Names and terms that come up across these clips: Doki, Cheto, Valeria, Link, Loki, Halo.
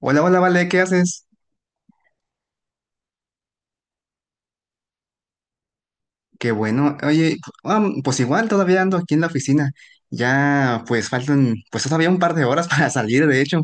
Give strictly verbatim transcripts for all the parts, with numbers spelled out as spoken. Hola, hola, Vale, ¿qué haces? Qué bueno. Oye, am, pues igual todavía ando aquí en la oficina. Ya pues faltan pues todavía un par de horas para salir, de hecho.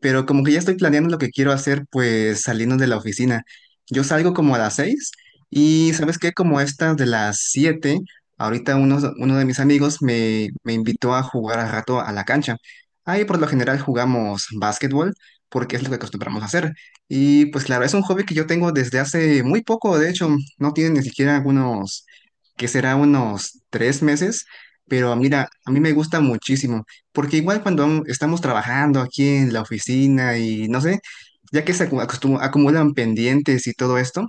Pero como que ya estoy planeando lo que quiero hacer pues saliendo de la oficina. Yo salgo como a las seis y, ¿sabes qué? Como estas de las siete, ahorita uno, uno de mis amigos me, me invitó a jugar al rato a la cancha. Ahí por lo general jugamos básquetbol porque es lo que acostumbramos a hacer. Y pues claro, es un hobby que yo tengo desde hace muy poco, de hecho, no tiene ni siquiera algunos que será unos tres meses, pero mira, a mí me gusta muchísimo, porque igual cuando am- estamos trabajando aquí en la oficina y no sé, ya que se acu- acostum- acumulan pendientes y todo esto,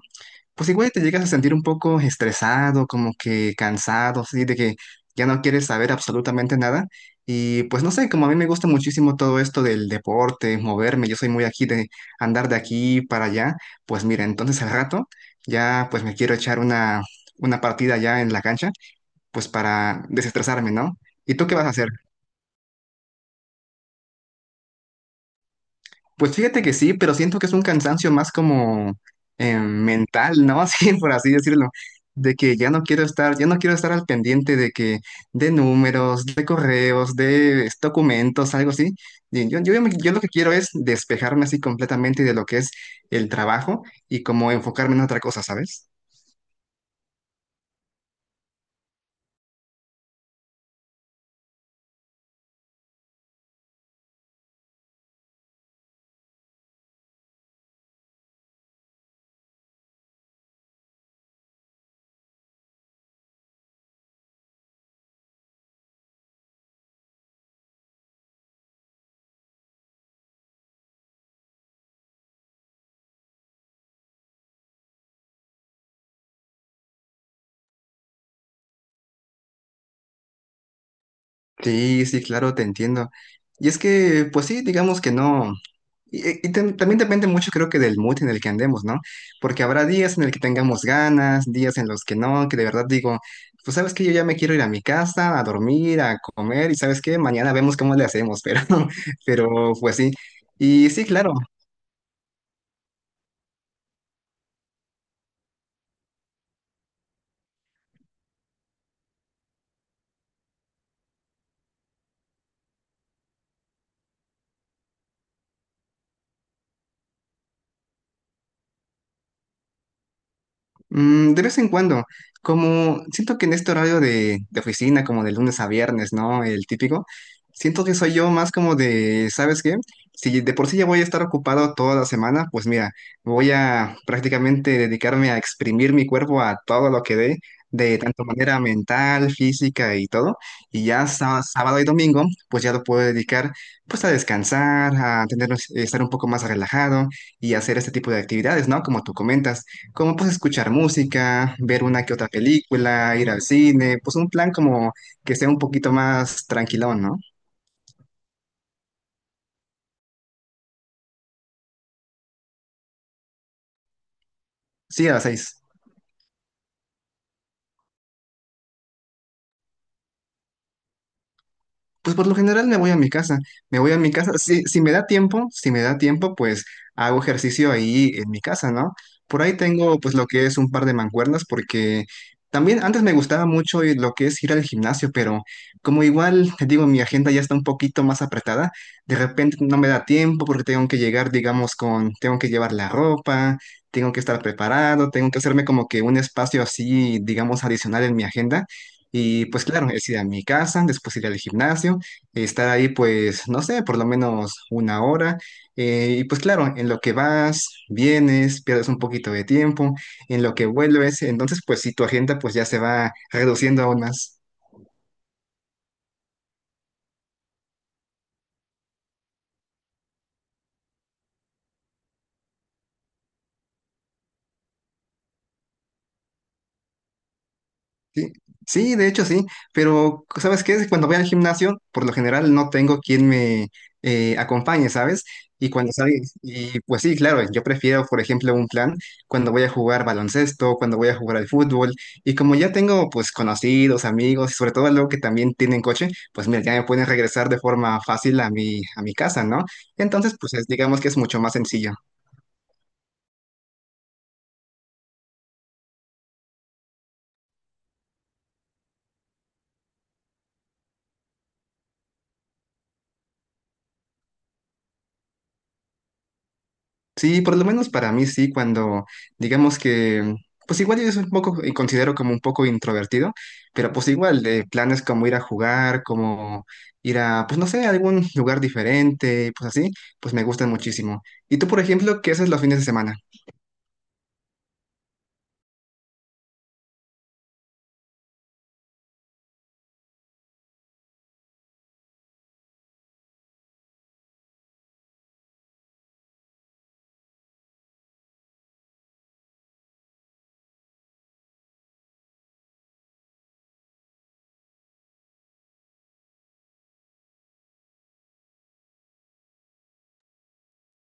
pues igual te llegas a sentir un poco estresado, como que cansado, así de que ya no quieres saber absolutamente nada. Y pues no sé, como a mí me gusta muchísimo todo esto del deporte, moverme, yo soy muy aquí de andar de aquí para allá, pues mira, entonces al rato ya pues me quiero echar una, una partida ya en la cancha, pues para desestresarme, ¿no? ¿Y tú qué vas a hacer? Pues fíjate que sí, pero siento que es un cansancio más como eh, mental, ¿no? Así, por así decirlo, de que ya no quiero estar, ya no quiero estar al pendiente de que, de números, de correos, de documentos, algo así. Y yo, yo, yo lo que quiero es despejarme así completamente de lo que es el trabajo y como enfocarme en otra cosa, ¿sabes? Sí, sí, claro, te entiendo. Y es que, pues sí, digamos que no. Y, eh, y tam- también depende mucho, creo que, del mood en el que andemos, ¿no? Porque habrá días en el que tengamos ganas, días en los que no, que de verdad digo, pues sabes que yo ya me quiero ir a mi casa, a dormir, a comer, y sabes qué, mañana vemos cómo le hacemos, pero, pero pues sí. Y sí, claro. Mm, de vez en cuando, como siento que en este horario de, de oficina, como de lunes a viernes, ¿no? El típico, siento que soy yo más como de, ¿sabes qué? Si de por sí ya voy a estar ocupado toda la semana, pues mira, voy a prácticamente dedicarme a exprimir mi cuerpo a todo lo que dé, de tanto manera mental, física y todo, y ya sá- sábado y domingo, pues ya lo puedo dedicar pues a descansar, a tener, eh, estar un poco más relajado y hacer este tipo de actividades, ¿no? Como tú comentas como pues escuchar música, ver una que otra película, ir al cine, pues un plan como que sea un poquito más tranquilón, ¿no? Sí, a las seis. Pues por lo general me voy a mi casa, me voy a mi casa, si, si me da tiempo, si me da tiempo, pues hago ejercicio ahí en mi casa, ¿no? Por ahí tengo pues lo que es un par de mancuernas porque también antes me gustaba mucho ir- lo que es ir al gimnasio, pero como igual, te digo, mi agenda ya está un poquito más apretada, de repente no me da tiempo porque tengo que llegar, digamos, con, tengo que llevar la ropa, tengo que estar preparado, tengo que hacerme como que un espacio así, digamos, adicional en mi agenda. Y pues claro, es ir a mi casa, después ir al gimnasio, estar ahí pues, no sé, por lo menos una hora. Eh, y pues claro, en lo que vas, vienes, pierdes un poquito de tiempo, en lo que vuelves, entonces pues si tu agenda pues ya se va reduciendo aún más. Sí, sí, de hecho sí, pero ¿sabes qué? Cuando voy al gimnasio, por lo general no tengo quien me eh, acompañe, ¿sabes? Y cuando salgo, y pues sí, claro, yo prefiero, por ejemplo, un plan cuando voy a jugar baloncesto, cuando voy a jugar al fútbol, y como ya tengo pues conocidos, amigos, y sobre todo luego que también tienen coche, pues mira, ya me pueden regresar de forma fácil a mi, a mi casa, ¿no? Entonces, pues es- digamos que es mucho más sencillo. Sí, por lo menos para mí sí, cuando digamos que, pues igual yo soy un poco, y considero como un poco introvertido, pero pues igual de planes como ir a jugar, como ir a, pues no sé, a algún lugar diferente, pues así, pues me gustan muchísimo. ¿Y tú, por ejemplo, qué haces los fines de semana?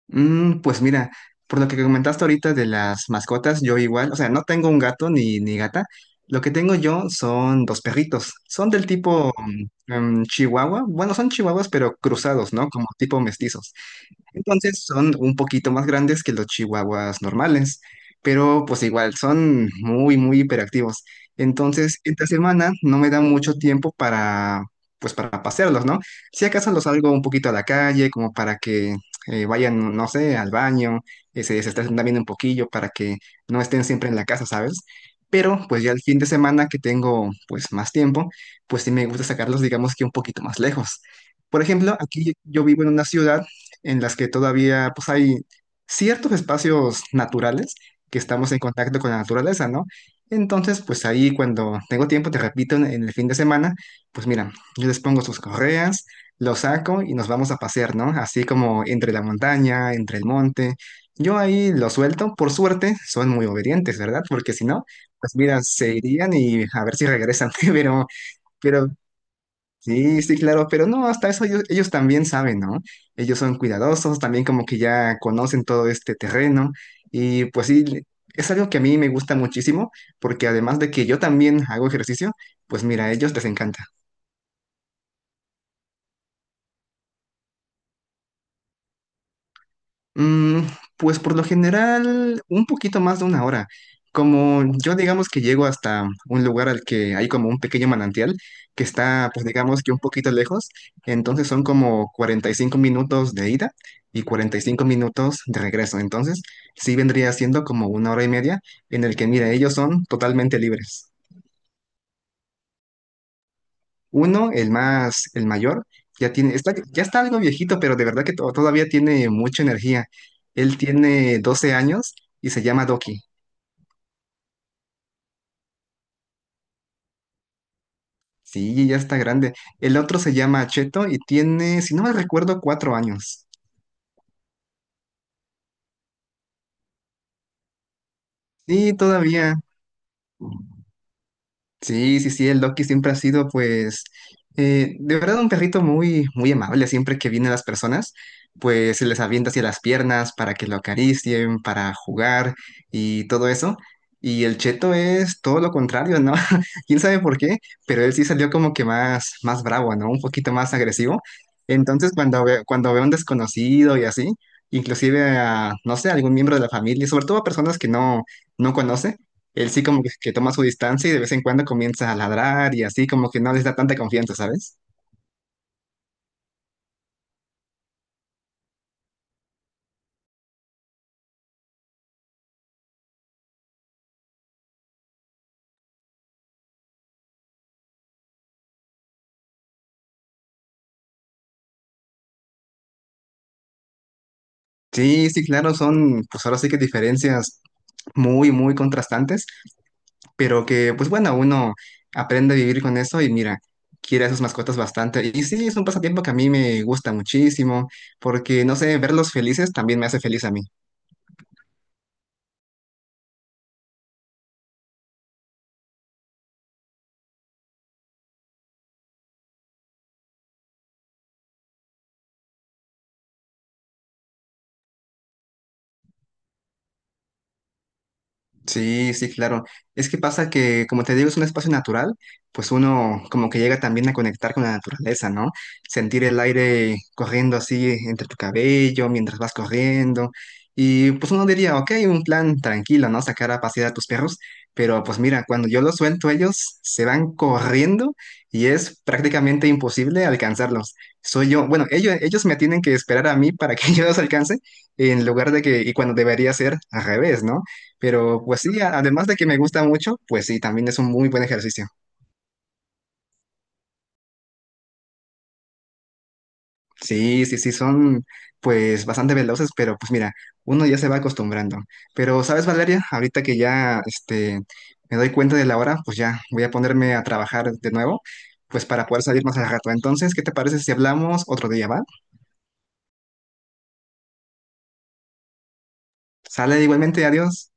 Mm, pues mira, por lo que comentaste ahorita de las mascotas, yo igual, o sea, no tengo un gato ni, ni gata, lo que tengo yo son dos perritos, son del tipo mm, em, chihuahua, bueno, son chihuahuas, pero cruzados, ¿no? Como tipo mestizos. Entonces son un poquito más grandes que los chihuahuas normales, pero pues igual son muy, muy hiperactivos. Entonces, esta semana no me da mucho tiempo para, pues para pasearlos, ¿no? Si acaso los salgo un poquito a la calle, como para que eh, vayan, no sé, al baño, eh, se, se estén también un poquillo para que no estén siempre en la casa, ¿sabes? Pero pues ya el fin de semana que tengo pues más tiempo, pues sí me gusta sacarlos, digamos que un poquito más lejos. Por ejemplo, aquí yo vivo en una ciudad en las que todavía pues hay ciertos espacios naturales que estamos en contacto con la naturaleza, ¿no? Entonces, pues ahí cuando tengo tiempo, te repito, en en el fin de semana, pues mira, yo les pongo sus correas, los saco y nos vamos a pasear, ¿no? Así como entre la montaña, entre el monte. Yo ahí los suelto, por suerte, son muy obedientes, ¿verdad? Porque si no, pues mira, se irían y a ver si regresan. Pero, pero sí, sí, claro, pero no, hasta eso ellos, ellos también saben, ¿no? Ellos son cuidadosos, también como que ya conocen todo este terreno y pues sí, le- es algo que a mí me gusta muchísimo porque además de que yo también hago ejercicio, pues mira, a ellos les encanta. Mm, pues por lo general, un poquito más de una hora. Como yo digamos que llego hasta un lugar al que hay como un pequeño manantial que está, pues digamos que un poquito lejos, entonces son como cuarenta y cinco minutos de ida y cuarenta y cinco minutos de regreso. Entonces sí vendría siendo como una hora y media en el que, mira, ellos son totalmente libres. Uno, el más, el mayor, ya tiene, está, ya está algo viejito, pero de verdad que to- todavía tiene mucha energía. Él tiene doce años y se llama Doki. Sí, ya está grande. El otro se llama Cheto y tiene, si no me recuerdo, cuatro años. Sí, todavía. Sí, sí, sí, el Loki siempre ha sido, pues, eh, de verdad un perrito muy, muy amable. Siempre que vienen las personas, pues se les avienta hacia las piernas para que lo acaricien, para jugar y todo eso. Y el Cheto es todo lo contrario, ¿no? Quién sabe por qué, pero él sí salió como que más, más bravo, ¿no? Un poquito más agresivo. Entonces, cuando ve, cuando ve a un desconocido y así, inclusive a, no sé, a algún miembro de la familia, sobre todo a personas que no, no conoce él sí como que, que toma su distancia y de vez en cuando comienza a ladrar y así como que no les da tanta confianza, ¿sabes? Sí, sí, claro, son pues ahora sí que diferencias muy, muy contrastantes, pero que pues bueno, uno aprende a vivir con eso y mira, quiere a sus mascotas bastante. Y sí, es un pasatiempo que a mí me gusta muchísimo porque, no sé, verlos felices también me hace feliz a mí. Sí, sí, claro. Es que pasa que, como te digo, es un espacio natural, pues uno como que llega también a conectar con la naturaleza, ¿no? Sentir el aire corriendo así entre tu cabello mientras vas corriendo. Y pues uno diría, ok, un plan tranquilo, ¿no? Sacar a pasear a tus perros, pero pues mira, cuando yo los suelto, ellos se van corriendo y es prácticamente imposible alcanzarlos. Soy yo, bueno, ellos, ellos me tienen que esperar a mí para que yo los alcance, en lugar de que, y cuando debería ser al revés, ¿no? Pero pues sí, a- además de que me gusta mucho, pues sí, también es un muy buen ejercicio. Sí, sí, sí, son pues bastante veloces, pero pues mira, uno ya se va acostumbrando. Pero, ¿sabes, Valeria? Ahorita que ya este, me doy cuenta de la hora, pues ya voy a ponerme a trabajar de nuevo, pues para poder salir más al rato. Entonces, ¿qué te parece si hablamos otro día, va? Sale igualmente, adiós.